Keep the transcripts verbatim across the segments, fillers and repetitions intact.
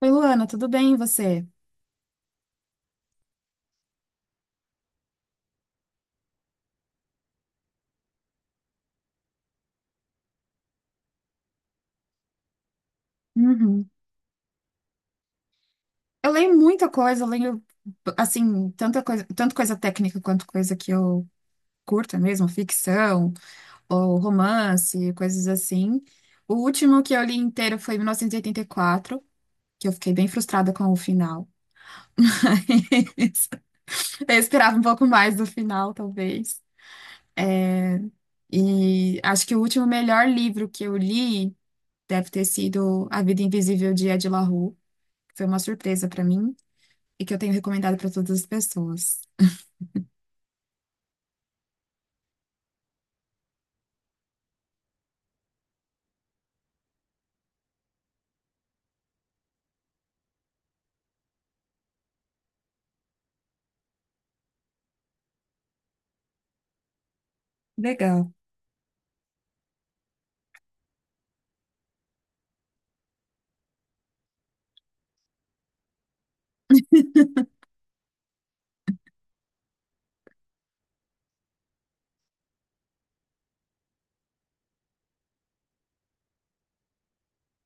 Oi, Luana, tudo bem, e você? Uhum. Eu leio muita coisa, eu leio, assim, tanta coisa, tanto coisa técnica quanto coisa que eu curto mesmo, ficção, ou romance, coisas assim. O último que eu li inteiro foi mil novecentos e oitenta e quatro, que eu fiquei bem frustrada com o final. Eu esperava um pouco mais do final, talvez. E acho que o último melhor livro que eu li deve ter sido A Vida Invisível de Ed La Rue. Foi uma surpresa para mim e que eu tenho recomendado para todas as pessoas. Legal.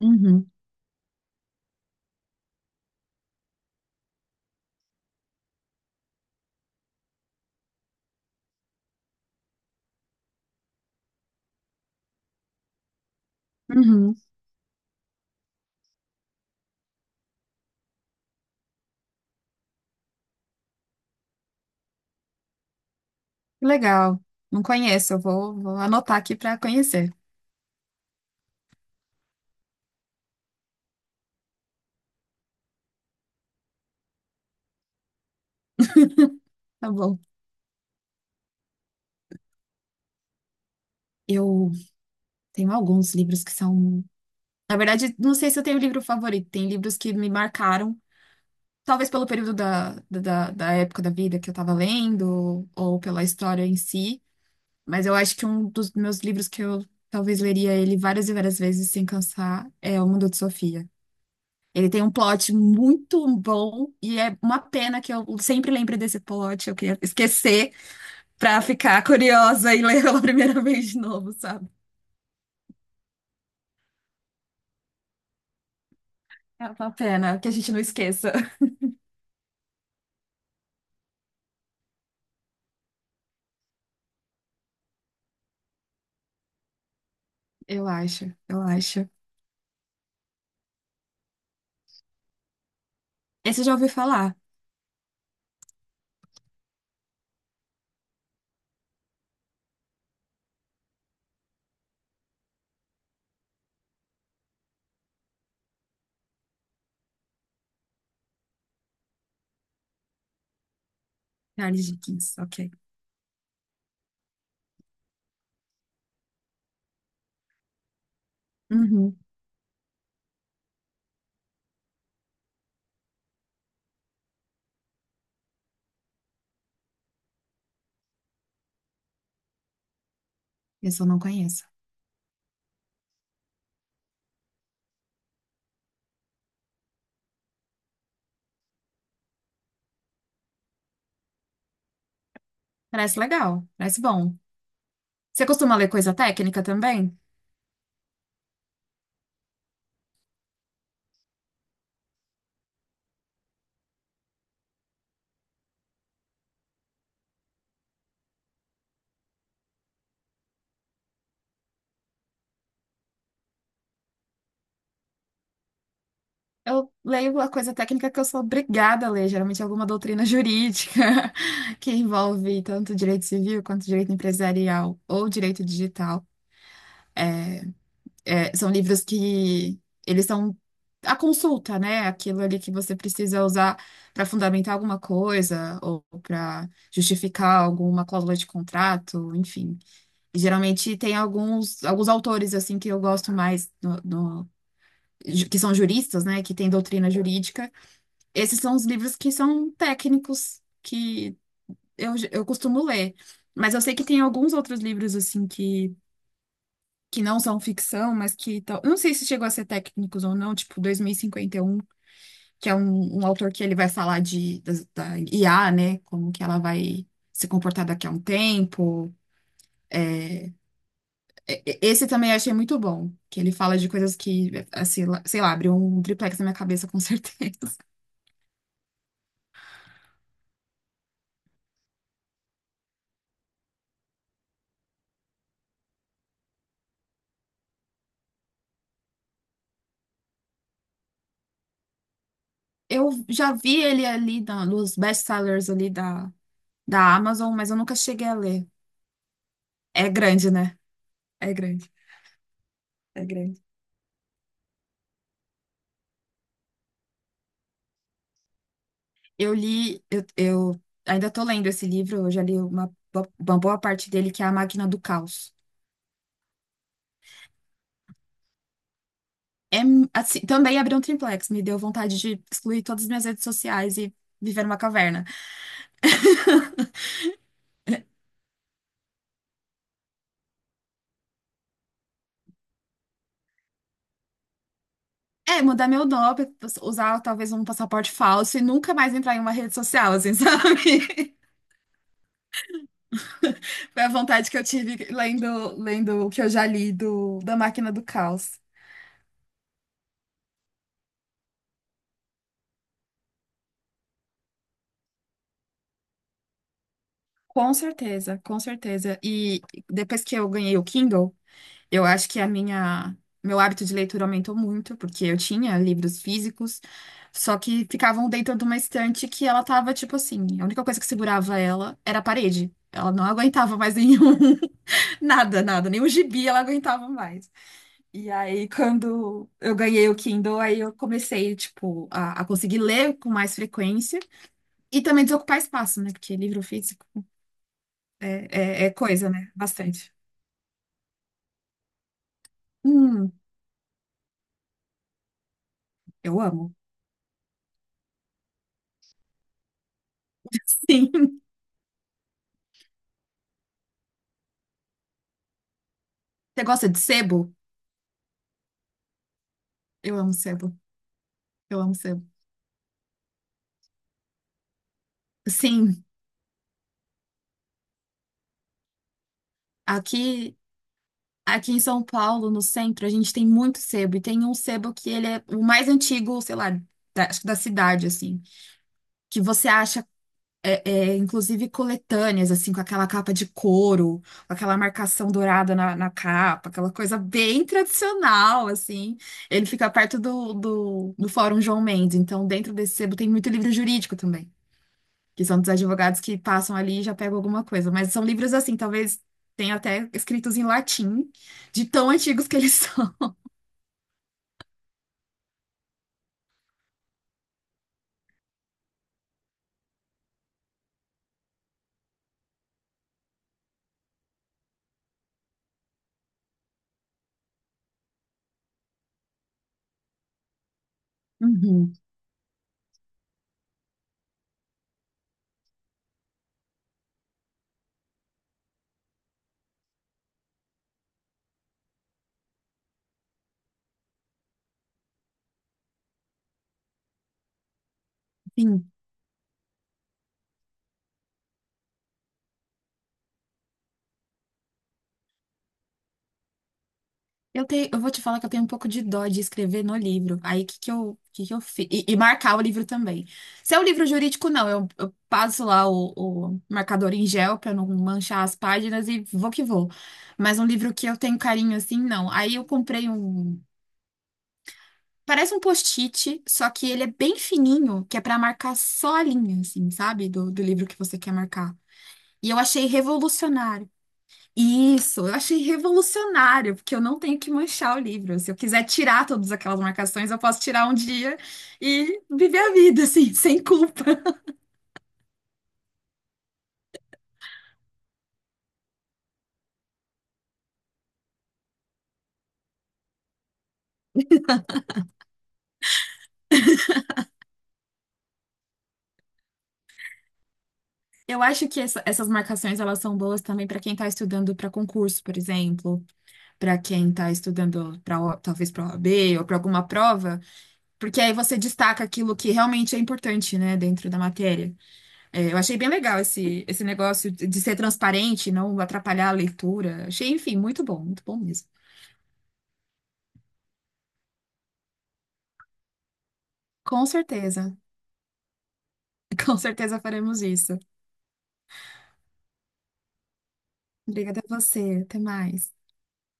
Uhum, uhum. Legal. Não conheço, eu vou, vou anotar aqui para conhecer. Tá bom. Eu tenho alguns livros que são. Na verdade, não sei se eu tenho livro favorito. Tem livros que me marcaram, talvez pelo período da, da, da época da vida que eu estava lendo, ou pela história em si. Mas eu acho que um dos meus livros que eu talvez leria ele várias e várias vezes sem cansar é O Mundo de Sofia. Ele tem um plot muito bom e é uma pena que eu sempre lembre desse plot. Eu queria esquecer pra ficar curiosa e ler pela primeira vez de novo, sabe? É uma pena que a gente não esqueça. Eu acho, eu acho. Esse eu já ouvi falar. Charles Dickens, ok. Uhum. Esse eu não conheço. Parece legal, parece bom. Você costuma ler coisa técnica também? Eu leio a coisa técnica que eu sou obrigada a ler, geralmente é alguma doutrina jurídica que envolve tanto direito civil quanto direito empresarial ou direito digital. É, são livros que eles são a consulta, né? Aquilo ali que você precisa usar para fundamentar alguma coisa ou para justificar alguma cláusula de contrato, enfim. E, geralmente tem alguns, alguns autores assim que eu gosto mais no, no- ju- que são juristas, né? Que têm doutrina jurídica. Esses são os livros que são técnicos, que eu, eu costumo ler. Mas eu sei que tem alguns outros livros, assim, que, que não são ficção, mas que tal. Eu Não sei se chegou a ser técnicos ou não, tipo dois mil e e cinquenta e um, que é um, um autor que ele vai falar de, das- da, I A, né? Como que ela vai se comportar daqui a um tempo. E- e- Esse também eu achei muito bom, que ele fala de coisas que, assim, lá- sei lá, abriu um triplex na minha cabeça, com certeza. Eu já vi ele ali na, nos best-sellers ali da da Amazon, mas eu nunca cheguei a ler. É grande, né? É grande, é grande. Eu li, eu, eu ainda tô lendo esse livro, eu já li uma, bo- uma boa parte dele, que é A Máquina do Caos. É, m- assim, também abriu um triplex, me deu vontade de excluir todas as minhas redes sociais e viver numa caverna. É, mudar meu nome, usar talvez um passaporte falso e nunca mais entrar em uma rede social, assim, sabe? Foi a vontade que eu tive lendo, lendo o que eu já li do, da Máquina do Caos. Com certeza, com certeza. E depois que eu ganhei o Kindle, eu acho que a minha meu hábito de leitura aumentou muito, porque eu tinha livros físicos, só que ficavam dentro de uma estante que ela tava tipo assim, a única coisa que segurava ela era a parede. Ela não aguentava mais nenhum, nada, nada, nem o gibi ela aguentava mais. E aí, quando eu ganhei o Kindle, aí eu comecei, tipo, a, a conseguir ler com mais frequência e também desocupar espaço, né? Porque livro físico. É, é coisa, né? Bastante. Hum, eu amo. Sim. Você gosta de sebo? Eu amo sebo. Eu amo sebo. Sim, aqui, aqui em São Paulo, no centro, a gente tem muito sebo. E tem um sebo que ele é o mais antigo, sei lá, da, acho que da cidade, assim. Que você acha é, é, inclusive coletâneas, assim, com aquela capa de couro, com aquela marcação dourada na, na capa, aquela coisa bem tradicional, assim. Ele fica perto do, do, do Fórum João Mendes, então dentro desse sebo tem muito livro jurídico também, que são dos advogados que passam ali e já pegam alguma coisa. Mas são livros assim, talvez tenha até escritos em latim, de tão antigos que eles são. Uhum, sim. Eu tenho, eu vou te falar que eu tenho um pouco de dó de escrever no livro. Aí, o que que eu, que que eu fiz? E, e marcar o livro também. Se é um livro jurídico, não. Eu, eu passo lá o, o marcador em gel pra não manchar as páginas e vou que vou. Mas um livro que eu tenho carinho assim, não. Aí eu comprei um. Parece um post-it, só que ele é bem fininho, que é pra marcar só a linha, assim, sabe? Do, do livro que você quer marcar. E eu achei revolucionário. Isso, eu achei revolucionário, porque eu não tenho que manchar o livro. Se eu quiser tirar todas aquelas marcações, eu posso tirar um dia e viver a vida, assim, sem culpa. Eu acho que essa- essas marcações, elas são boas também para quem está estudando para concurso, por exemplo, para quem está estudando para talvez para o A B ou para alguma prova, porque aí você destaca aquilo que realmente é importante, né, dentro da matéria. É, eu achei bem legal esse, esse negócio de de ser transparente, não atrapalhar a leitura. Achei, enfim, muito bom, muito bom mesmo. Com certeza. Com certeza faremos isso. Obrigada a você. Até mais.